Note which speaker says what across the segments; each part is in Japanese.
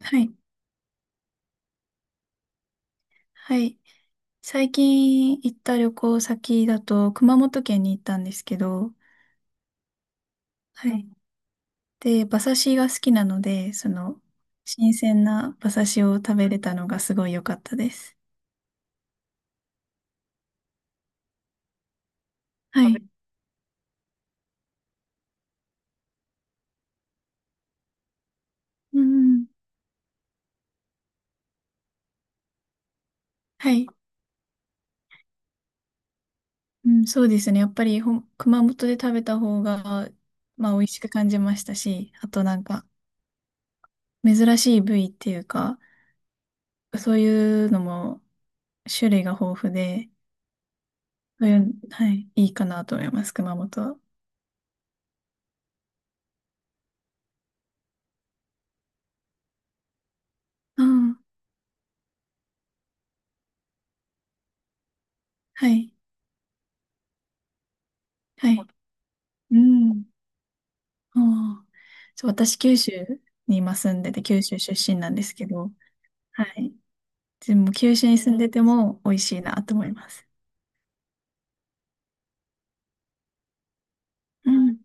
Speaker 1: はい。はい。最近行った旅行先だと、熊本県に行ったんですけど、はい。で、馬刺しが好きなので、新鮮な馬刺しを食べれたのがすごい良かったです。はい。うん。はい。うん、そうですね。やっぱり熊本で食べた方が、まあ、美味しく感じましたし、あとなんか、珍しい部位っていうか、そういうのも種類が豊富で、そういう、はい、いいかなと思います、熊本は。ああ、はい、はい。うん。ああ、そう、私、九州に今住んでて、九州出身なんですけど、はい。でも、九州に住んでても美味しいなと思います。うん。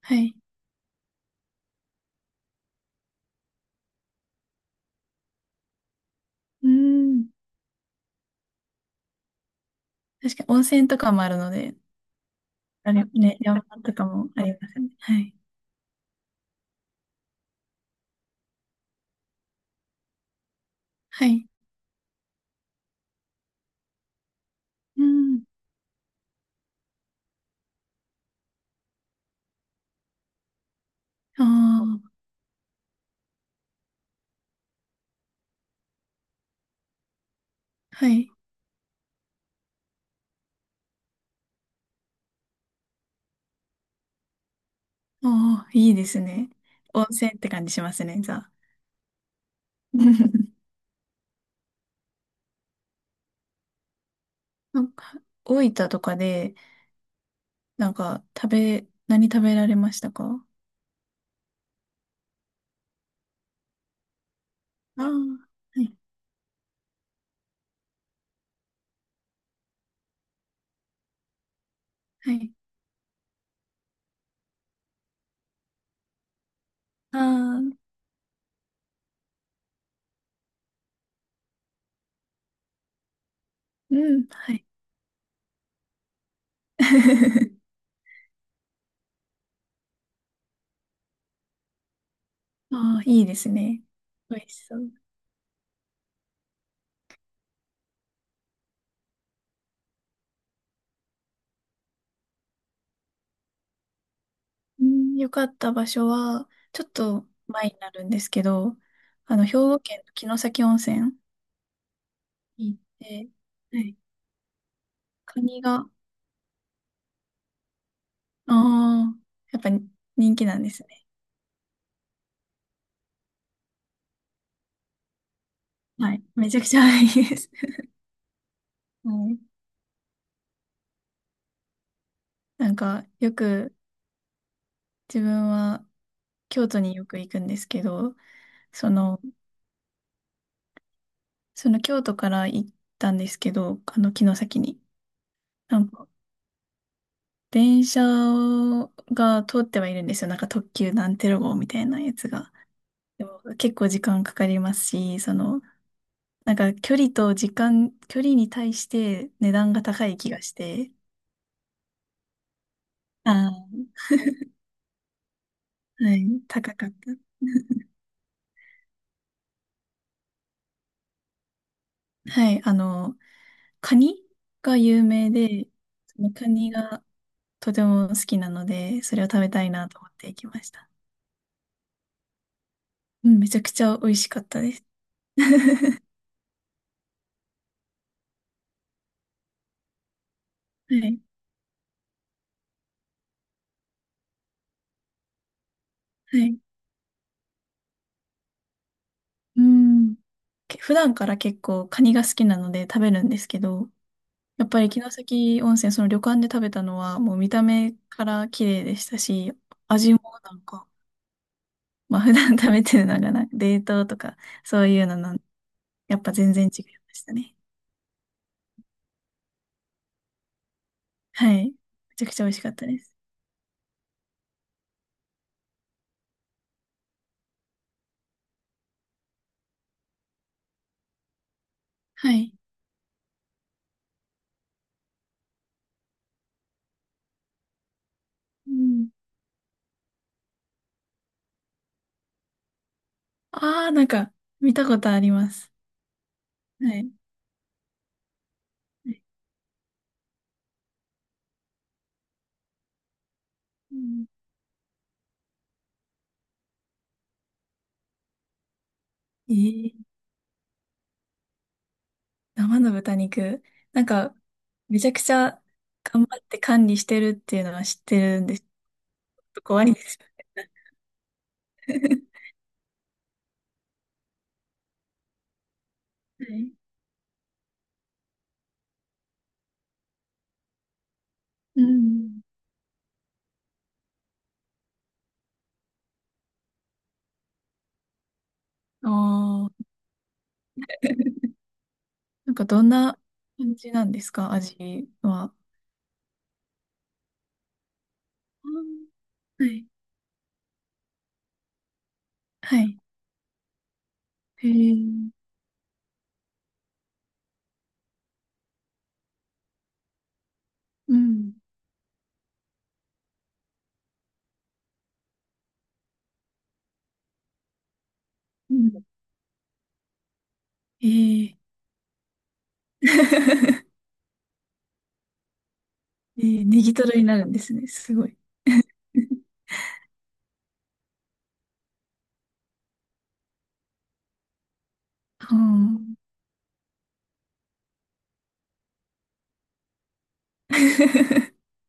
Speaker 1: はい。うん。確かに温泉とかもあるので、あれ、ね、山とかもありますね。はい。はい。うん。ああ、はい。ああ、いいですね。温泉って感じしますね、じゃあ。なんか、大分とかで、なんか、何食べられましたか？ああー、はい。はい。あー、うん。はい。ああ、いいですね。美味しそう。うん、よかった場所は、ちょっと前になるんですけど、あの、兵庫県の城崎温泉に行って、はい。カニが、ああ、やっぱ人気なんですね。はい。めちゃくちゃいいです。はい。なんか、よく自分は京都によく行くんですけど、その、その、京都から行ったんですけど、あの、城崎に。なんか、電車が通ってはいるんですよ。なんか特急なんてろ号みたいなやつが。でも結構時間かかりますし、その、なんか距離と時間、距離に対して値段が高い気がして、あー、はい、高かった。はい、あの、カニが有名で、そのカニがとても好きなので、それを食べたいなと思って行きました。うん、めちゃくちゃ美味しかったです。はい、はい。うん。普段から結構カニが好きなので食べるんですけど、やっぱり城崎温泉、その旅館で食べたのはもう見た目から綺麗でしたし、味もなんか、まあ普段食べてるのがな、冷凍とかそういうのやっぱ全然違いましたね。はい。めちゃくちゃ美味しかったです。はい。うん。ああ、なんか見たことあります。はい。はい、うん、えー、生の豚肉。なんか、めちゃくちゃ頑張って管理してるっていうのは知ってるんです。ちょっと怖いです。はい、うん。ああ。なんかどんな感じなんですか、味は。うん、はい、はい。へえ、うん、うん。ええ、 ええ、ネギトロになるんですね。すごい。ああ、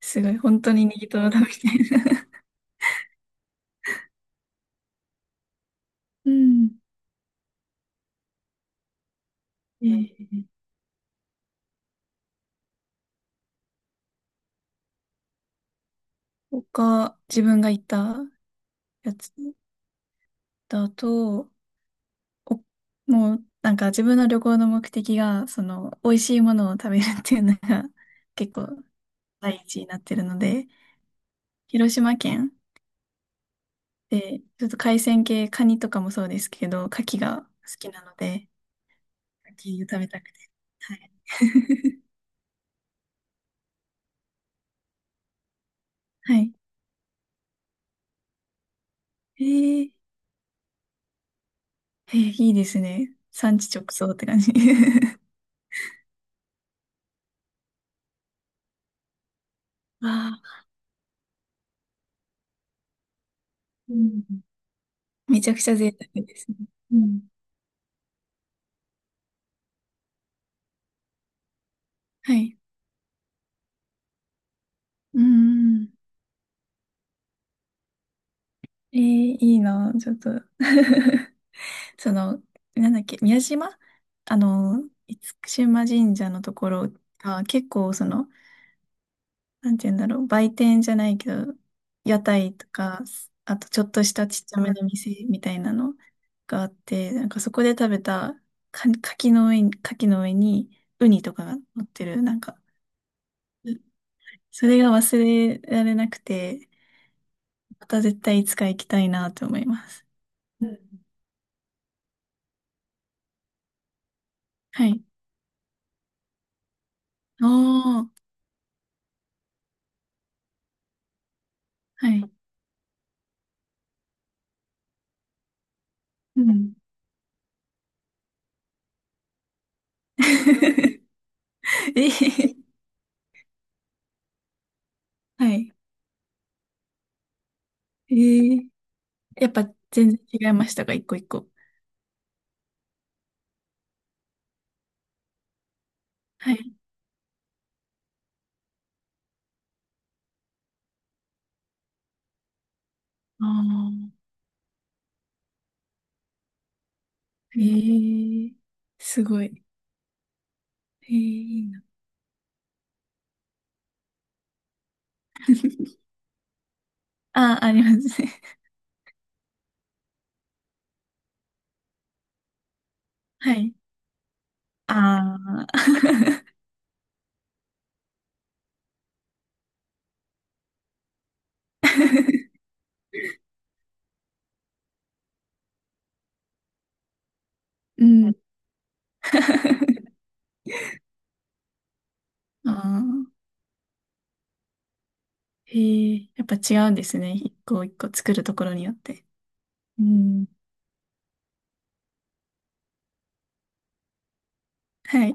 Speaker 1: すごい。本当にネギトロだみたいな。うん。ええ、他、自分が行ったやつだと、お、もう、なんか自分の旅行の目的が、その、美味しいものを食べるっていうのが 結構第一になってるので、広島県で、ちょっと海鮮系、カニとかもそうですけど、牡蠣が好きなので、牡蠣食べたくて。はい。はい。えー、えー、いいですね。産地直送って感じ。ああ、うん、めちゃくちゃ贅沢ですね。うん。はい。うん。えー、いいな、ちょっと その、なんだっけ、宮島、あの、厳島神社のところが結構その、なんて言うんだろう、売店じゃないけど、屋台とか、あとちょっとしたちっちゃめの店みたいなのがあって、なんかそこで食べたか、柿の上にウニとかが乗ってる、なんか、それが忘れられなくて、また絶対いつか行きたいなと思います。はい。おー、はい。うん。えー、はい。えー、やっぱ全然違いましたか、一個一個。はい。ああ、えー、すごい。えー、いいな。ああ、ありますね。はい。ああ。うん。ああ。えー、やっぱ違うんですね。一個一個作るところによって。うん。はい。